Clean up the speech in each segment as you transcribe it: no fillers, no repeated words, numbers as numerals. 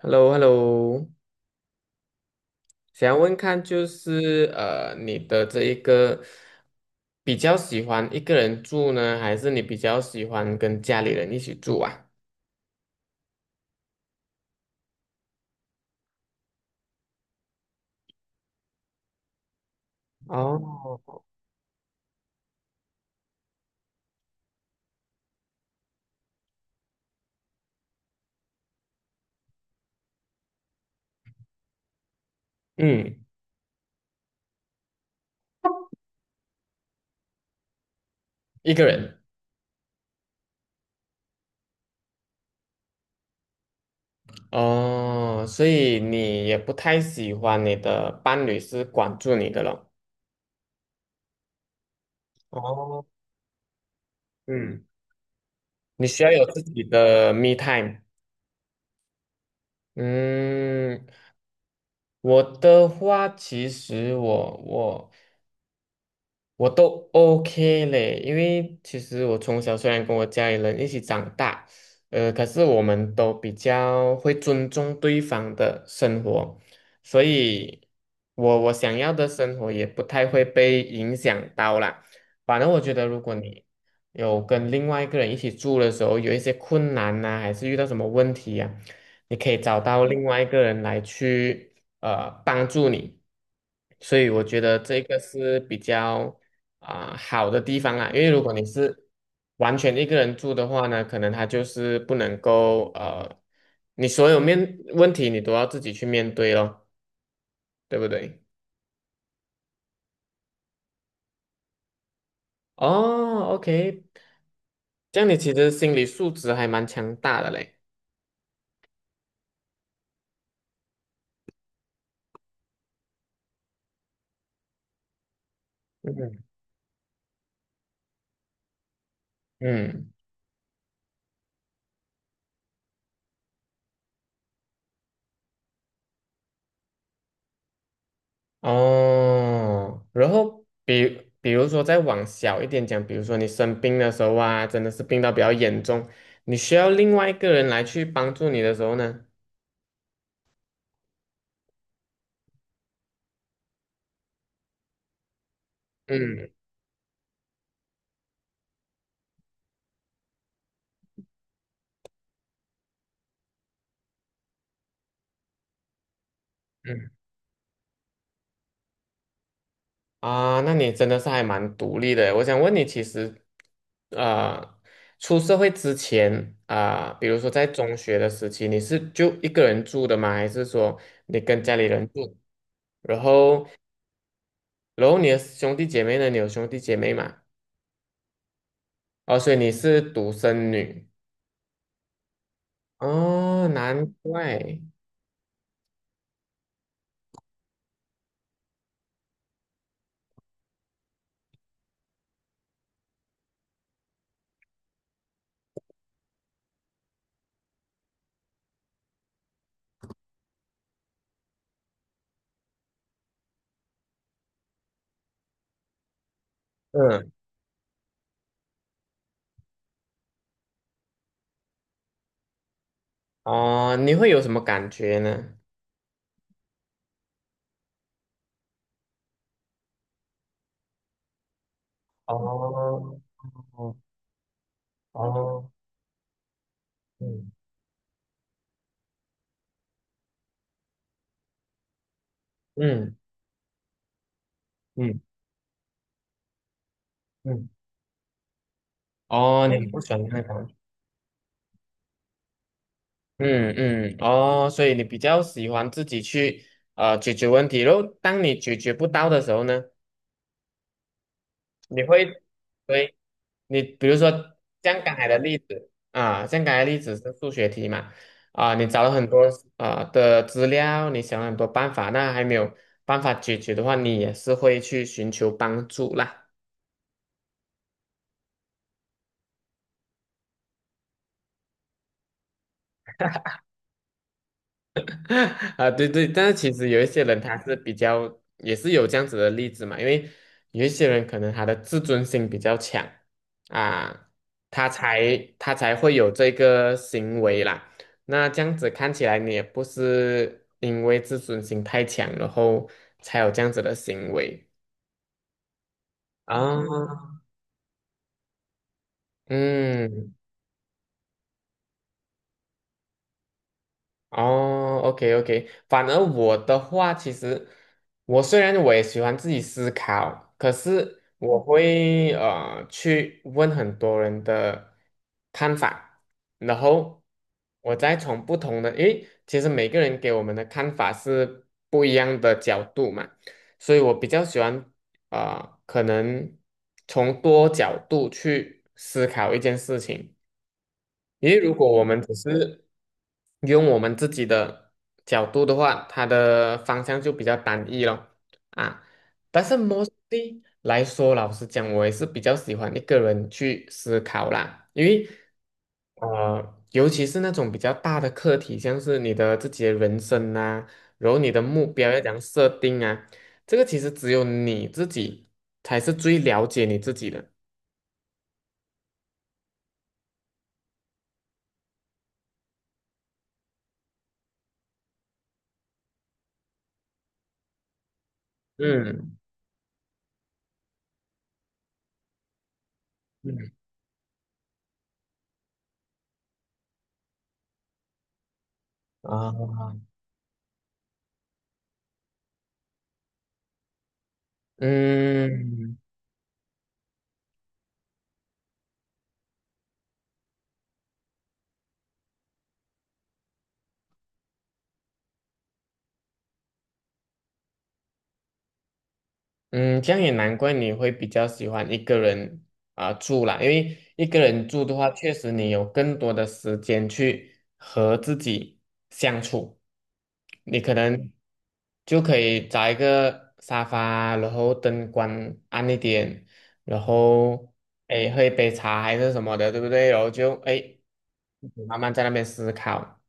Hello hello 想要问看就是你的这一个比较喜欢一个人住呢，还是你比较喜欢跟家里人一起住啊？哦。嗯。一个人。哦，所以你也不太喜欢你的伴侣是管住你的了。哦。嗯。你需要有自己的 me time。嗯。我的话，其实我都 OK 嘞，因为其实我从小虽然跟我家里人一起长大，可是我们都比较会尊重对方的生活，所以我想要的生活也不太会被影响到啦。反正我觉得，如果你有跟另外一个人一起住的时候，有一些困难呐、还是遇到什么问题呀、你可以找到另外一个人来去帮助你。所以我觉得这个是比较好的地方啊，因为如果你是完全一个人住的话呢，可能他就是不能够你所有面问题你都要自己去面对咯，对不对？哦，OK，这样你其实心理素质还蛮强大的嘞。嗯嗯。哦，然后比如说再往小一点讲，比如说你生病的时候啊，真的是病到比较严重，你需要另外一个人来去帮助你的时候呢，嗯。啊，那你真的是还蛮独立的。我想问你，其实，呃，出社会之前啊，比如说在中学的时期，你是就一个人住的吗？还是说你跟家里人住？然后，然后你的兄弟姐妹呢？你有兄弟姐妹吗？哦，所以你是独生女。哦，难怪。嗯。哦，你会有什么感觉呢？哦。哦。嗯嗯嗯嗯。哦，你不喜欢那个。嗯嗯。哦，所以你比较喜欢自己去解决问题，然后当你解决不到的时候呢，你会对。你比如说像刚才的例子啊，像刚才的例子是数学题嘛。啊，你找了很多的资料，你想了很多办法，那还没有办法解决的话，你也是会去寻求帮助啦。啊，对对，但是其实有一些人他是比较也是有这样子的例子嘛，因为有一些人可能他的自尊心比较强啊，他才会有这个行为啦。那这样子看起来，你也不是因为自尊心太强，然后才有这样子的行为啊。嗯。哦，OK OK，反而我的话，其实我虽然我也喜欢自己思考，可是我会去问很多人的看法，然后我再从不同的，诶，其实每个人给我们的看法是不一样的角度嘛，所以我比较喜欢可能从多角度去思考一件事情。因为如果我们只是用我们自己的角度的话，它的方向就比较单一了啊。但是 mostly 来说，老实讲，我也是比较喜欢一个人去思考啦，因为尤其是那种比较大的课题，像是你的自己的人生啊，然后你的目标要怎样设定啊，这个其实只有你自己才是最了解你自己的。嗯嗯。啊。嗯。嗯，这样也难怪你会比较喜欢一个人住啦，因为一个人住的话，确实你有更多的时间去和自己相处，你可能就可以找一个沙发，然后灯光暗一点，然后诶喝一杯茶还是什么的，对不对？然后就诶慢慢在那边思考，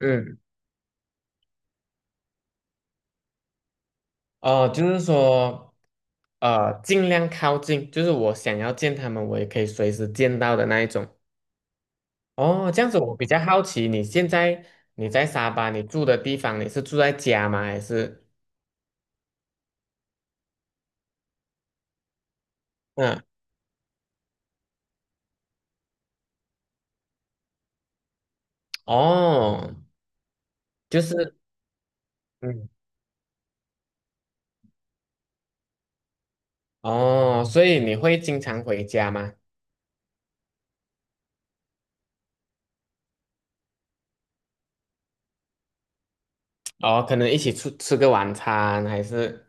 嗯。哦，就是说，尽量靠近，就是我想要见他们，我也可以随时见到的那一种。哦，这样子我比较好奇，你现在你在沙巴，你住的地方，你是住在家吗？还是嗯。哦，就是嗯。哦，所以你会经常回家吗？哦，可能一起出吃个晚餐，还是？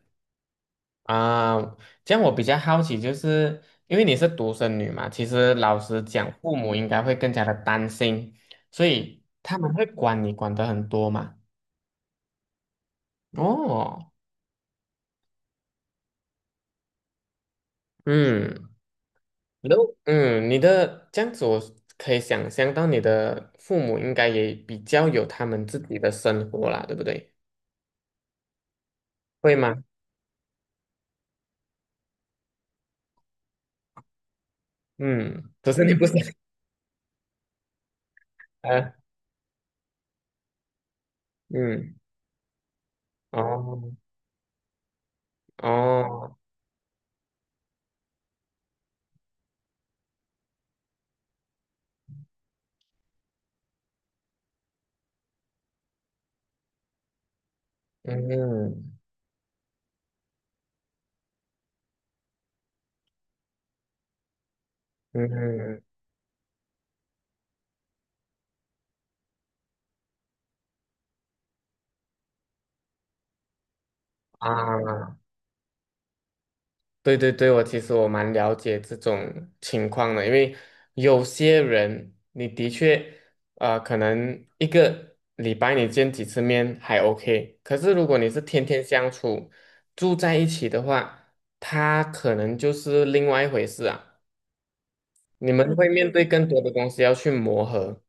啊，这样我比较好奇，就是因为你是独生女嘛，其实老实讲，父母应该会更加的担心，所以他们会管你管得很多嘛。哦。嗯。然后你的这样子，我可以想象到你的父母应该也比较有他们自己的生活啦，对不对？会吗？嗯，只是你不想。呃，嗯。哦。哦。嗯嗯嗯。啊。对对对，我其实我蛮了解这种情况的，因为有些人你的确，可能一个礼拜你见几次面还 OK，可是如果你是天天相处，住在一起的话，他可能就是另外一回事啊。你们会面对更多的东西要去磨合，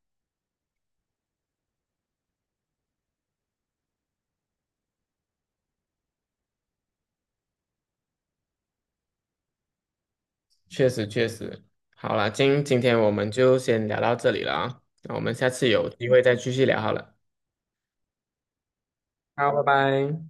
确实确实。好了，今天我们就先聊到这里了啊，那我们下次有机会再继续聊好了。好，拜拜。